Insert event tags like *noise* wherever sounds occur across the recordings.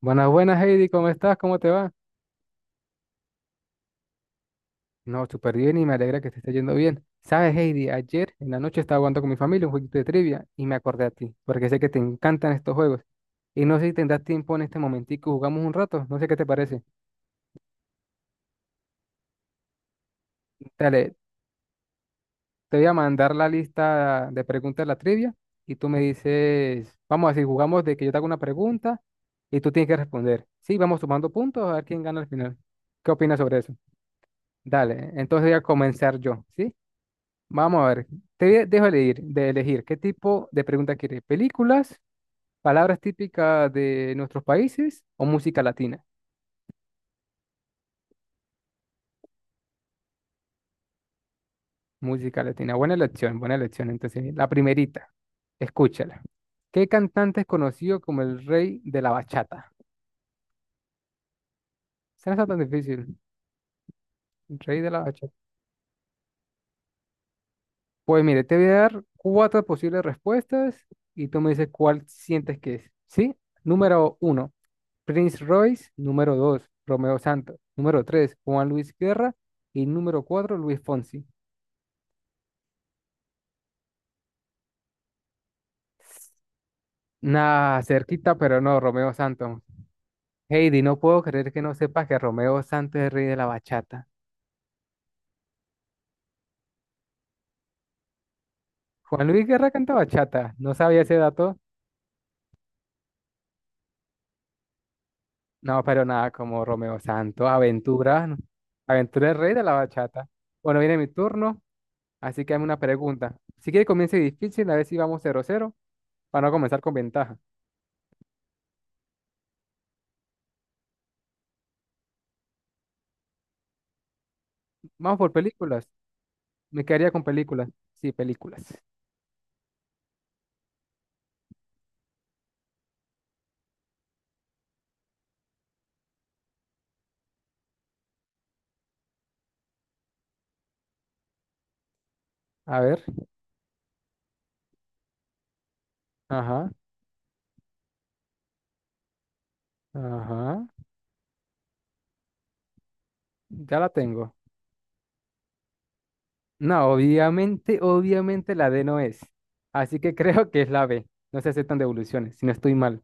Buenas, buenas, Heidi, ¿cómo estás? ¿Cómo te va? No, súper bien y me alegra que te esté yendo bien. Sabes, Heidi, ayer en la noche estaba jugando con mi familia un jueguito de trivia y me acordé a ti, porque sé que te encantan estos juegos. Y no sé si tendrás tiempo en este momentico, jugamos un rato, no sé qué te parece. Dale, te voy a mandar la lista de preguntas de la trivia y tú me dices, vamos a decir, jugamos de que yo te hago una pregunta y tú tienes que responder. Sí, vamos sumando puntos a ver quién gana al final. ¿Qué opinas sobre eso? Dale, entonces voy a comenzar yo, ¿sí? Vamos a ver, te dejo elegir, de elegir qué tipo de pregunta quieres, películas, palabras típicas de nuestros países o música latina. Música latina, buena elección, buena elección. Entonces, la primerita, escúchala. ¿Qué cantante es conocido como el rey de la bachata? Esa no está tan difícil, el rey de la bachata. Pues mire, te voy a dar cuatro posibles respuestas y tú me dices cuál sientes que es. ¿Sí? Número uno, Prince Royce, número 2, Romeo Santos, número 3, Juan Luis Guerra y número 4 Luis Fonsi. Nah, cerquita, pero no, Romeo Santos. Heidi, no puedo creer que no sepas que Romeo Santos es el rey de la bachata. Juan Luis Guerra canta bachata, no sabía ese dato. No, pero nada, como Romeo Santos, aventura, ¿no? Aventura el rey de la bachata. Bueno, viene mi turno, así que hazme una pregunta. Si quiere comience difícil, a ver si vamos 0-0 para no comenzar con ventaja. Vamos por películas. Me quedaría con películas. Sí, películas. A ver. Ajá. Ajá. Ya la tengo. No, obviamente, obviamente la D no es. Así que *laughs* creo que es la B. No se aceptan devoluciones, si no estoy mal.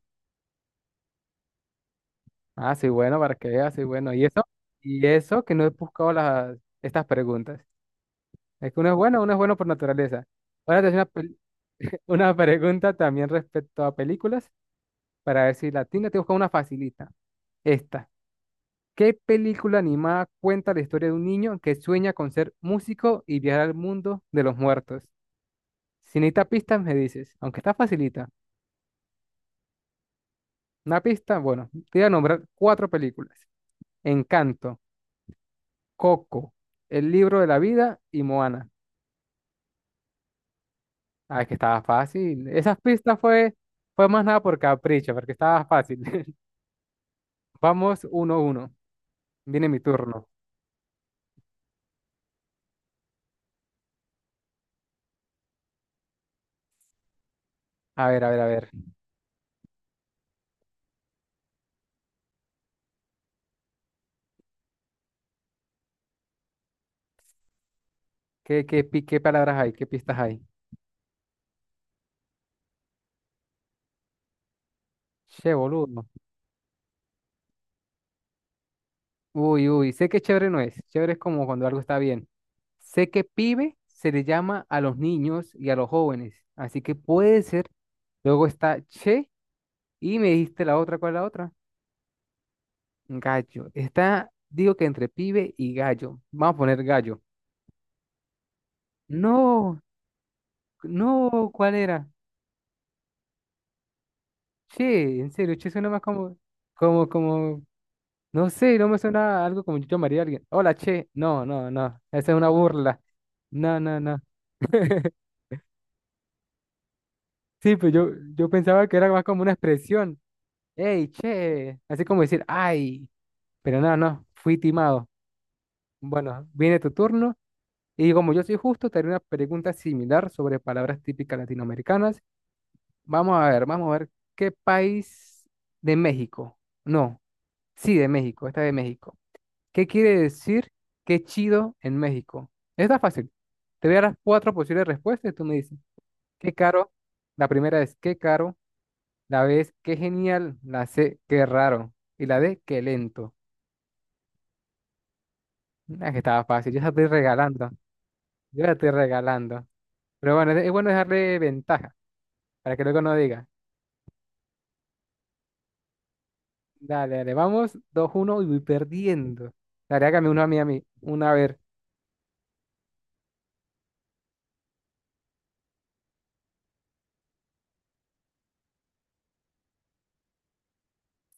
Ah, soy bueno para que veas, soy bueno. ¿Y eso? Y eso que no he buscado estas preguntas. Es que uno es bueno por naturaleza. Ahora te hago *laughs* una pregunta también respecto a películas, para ver si la tengo. Te busco una facilita. Esta. ¿Qué película animada cuenta la historia de un niño que sueña con ser músico y viajar al mundo de los muertos? Si necesitas pistas, me dices, aunque está facilita. Una pista, bueno, te voy a nombrar cuatro películas. Encanto, Coco, El libro de la vida y Moana. Ah, es que estaba fácil. Esas pistas fue más nada por capricho, porque estaba fácil. *laughs* Vamos 1-1. Viene mi turno. A ver, a ver, a ver. ¿Qué palabras hay? ¿Qué pistas hay? Che, boludo. Uy, uy, sé que chévere no es. Chévere es como cuando algo está bien. Sé que pibe se le llama a los niños y a los jóvenes. Así que puede ser. Luego está che y me dijiste la otra, ¿cuál es la otra? Gallo. Digo que entre pibe y gallo. Vamos a poner gallo. No, no, ¿cuál era? Che, en serio, che suena más como, no sé, no me suena a algo como yo llamaría a alguien. Hola, che. No, no, no. Esa es una burla. No, no, no. *laughs* Sí, pues yo pensaba que era más como una expresión. ¡Ey, che! Así como decir, ¡ay! Pero no, no, fui timado. Bueno, viene tu turno. Y como yo soy justo, te haré una pregunta similar sobre palabras típicas latinoamericanas. Vamos a ver qué país de México. No, sí, de México, esta de México. ¿Qué quiere decir qué chido en México? Está fácil. Te voy a dar las cuatro posibles respuestas y tú me dices, qué caro. La primera es qué caro. La B es qué genial, la C qué raro y la D qué lento. Ah, que estaba fácil, yo la estoy regalando, yo la estoy regalando. Pero bueno, es bueno dejarle ventaja para que luego no diga. Dale, dale, vamos 2-1 y voy perdiendo. Dale, hágame uno a mí, una a ver.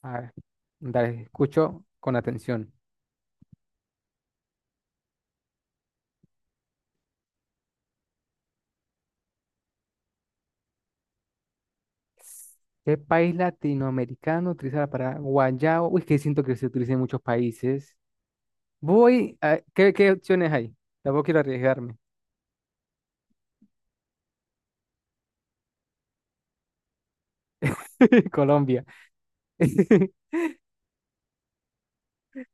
A ver, dale, escucho con atención. ¿Qué país latinoamericano utiliza la palabra guayabo? Uy, que siento que se utiliza en muchos países. Voy a. ¿Qué opciones hay? Tampoco quiero arriesgarme. *laughs* Colombia. *laughs*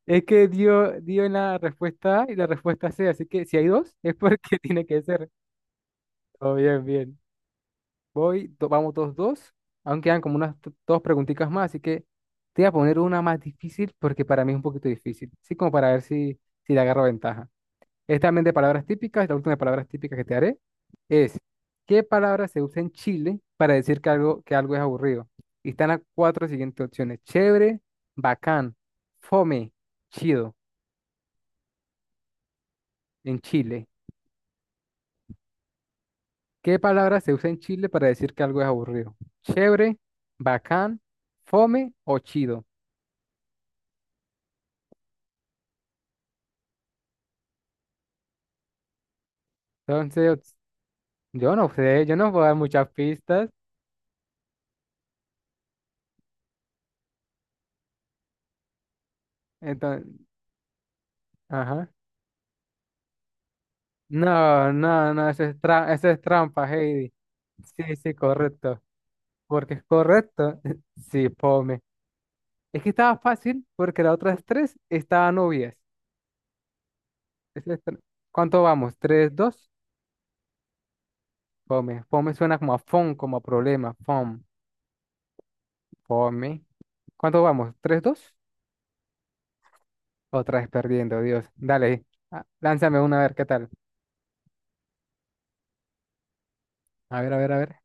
Es que dio en la respuesta A y la respuesta C, así que si hay dos, es porque *laughs* tiene que ser. Oh, bien, bien. Vamos 2-2. Aún quedan como unas dos preguntitas más, así que te voy a poner una más difícil porque para mí es un poquito difícil. Así como para ver si le agarro ventaja. Es también de palabras típicas, la última de palabras típicas que te haré es, ¿qué palabra se usa en Chile para decir que algo es aburrido? Y están las cuatro siguientes opciones. Chévere, bacán, fome, chido, en Chile. ¿Qué palabra se usa en Chile para decir que algo es aburrido? Chévere, bacán, fome o chido. Entonces, ops, yo no sé, yo no puedo dar muchas pistas. Entonces, ajá. No, no, no, eso es trampa, Heidi. Sí, sí, correcto. Porque es correcto. *laughs* Sí, fome. Es que estaba fácil porque las otras tres estaban obvias. Eso es tra- ¿Cuánto vamos? ¿3-2? Fome. Fome suena como a fon, como a problema. Fom. Fome. ¿Cuánto vamos? ¿Tres, dos? Otra vez perdiendo, Dios. Dale, lánzame una a ver qué tal. A ver, a ver, a ver.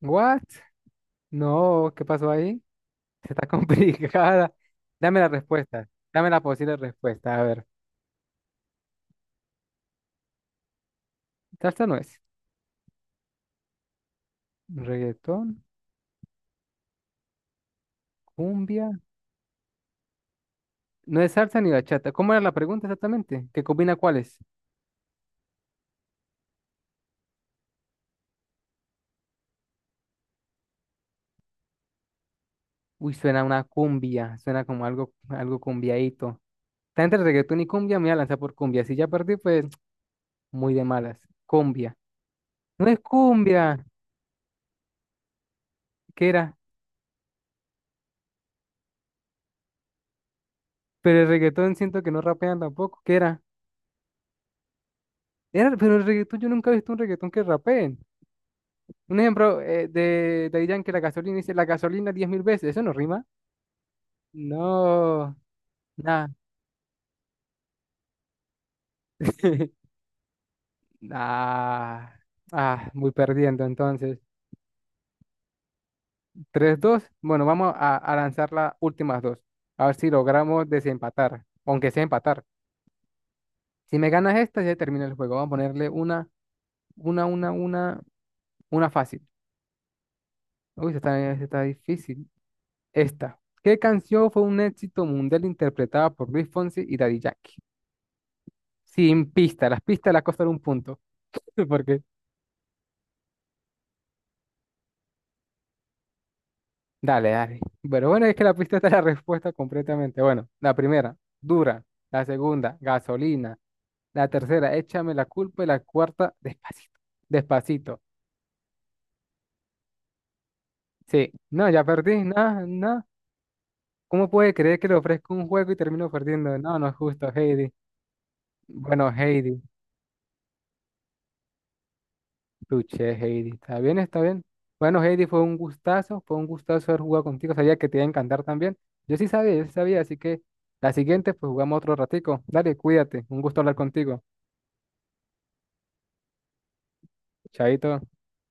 ¿What? No, ¿qué pasó ahí? Está *laughs* complicada. Dame la respuesta. Dame la posible respuesta. A ver. Salsa no es. Reggaetón, cumbia. No es salsa ni bachata. ¿Cómo era la pregunta exactamente? ¿Qué combina cuáles? Uy, suena una cumbia. Suena como algo cumbiaíto. Está entre reggaetón y cumbia. Me voy a lanzar por cumbia. Si ya perdí, pues muy de malas. Cumbia. No es cumbia. ¿Qué era? Pero el reggaetón siento que no rapean tampoco. ¿Qué era? Era, pero el reggaetón yo nunca he visto un reggaetón que rapeen. Un ejemplo de Daddy Yankee, la gasolina, dice la gasolina 10,000 veces. ¿Eso no rima? No, nada. *laughs* Nah. Ah, muy perdiendo entonces. 3-2. Bueno, vamos a lanzar las últimas dos. A ver si logramos desempatar. Aunque sea empatar. Si me ganas esta, ya termina el juego. Vamos a ponerle una, una, una, una fácil. Uy, esta está difícil. Esta. ¿Qué canción fue un éxito mundial interpretada por Luis Fonsi y Daddy Yankee? Sin pista. Las pistas las costaron un punto. *laughs* Porque, dale, dale. Pero bueno, es que la pista está la respuesta completamente. Bueno, la primera, dura. La segunda, gasolina. La tercera, échame la culpa. Y la cuarta, despacito. Despacito. Sí. No, ya perdí. No, no. ¿Cómo puede creer que le ofrezco un juego y termino perdiendo? No, no es justo, Heidi. Bueno, Heidi. Luché, Heidi. Está bien, está bien. Bueno, Heidi, fue un gustazo haber jugado contigo. Sabía que te iba a encantar también. Yo sí sabía, así que la siguiente, pues jugamos otro ratico. Dale, cuídate. Un gusto hablar contigo. Chaito.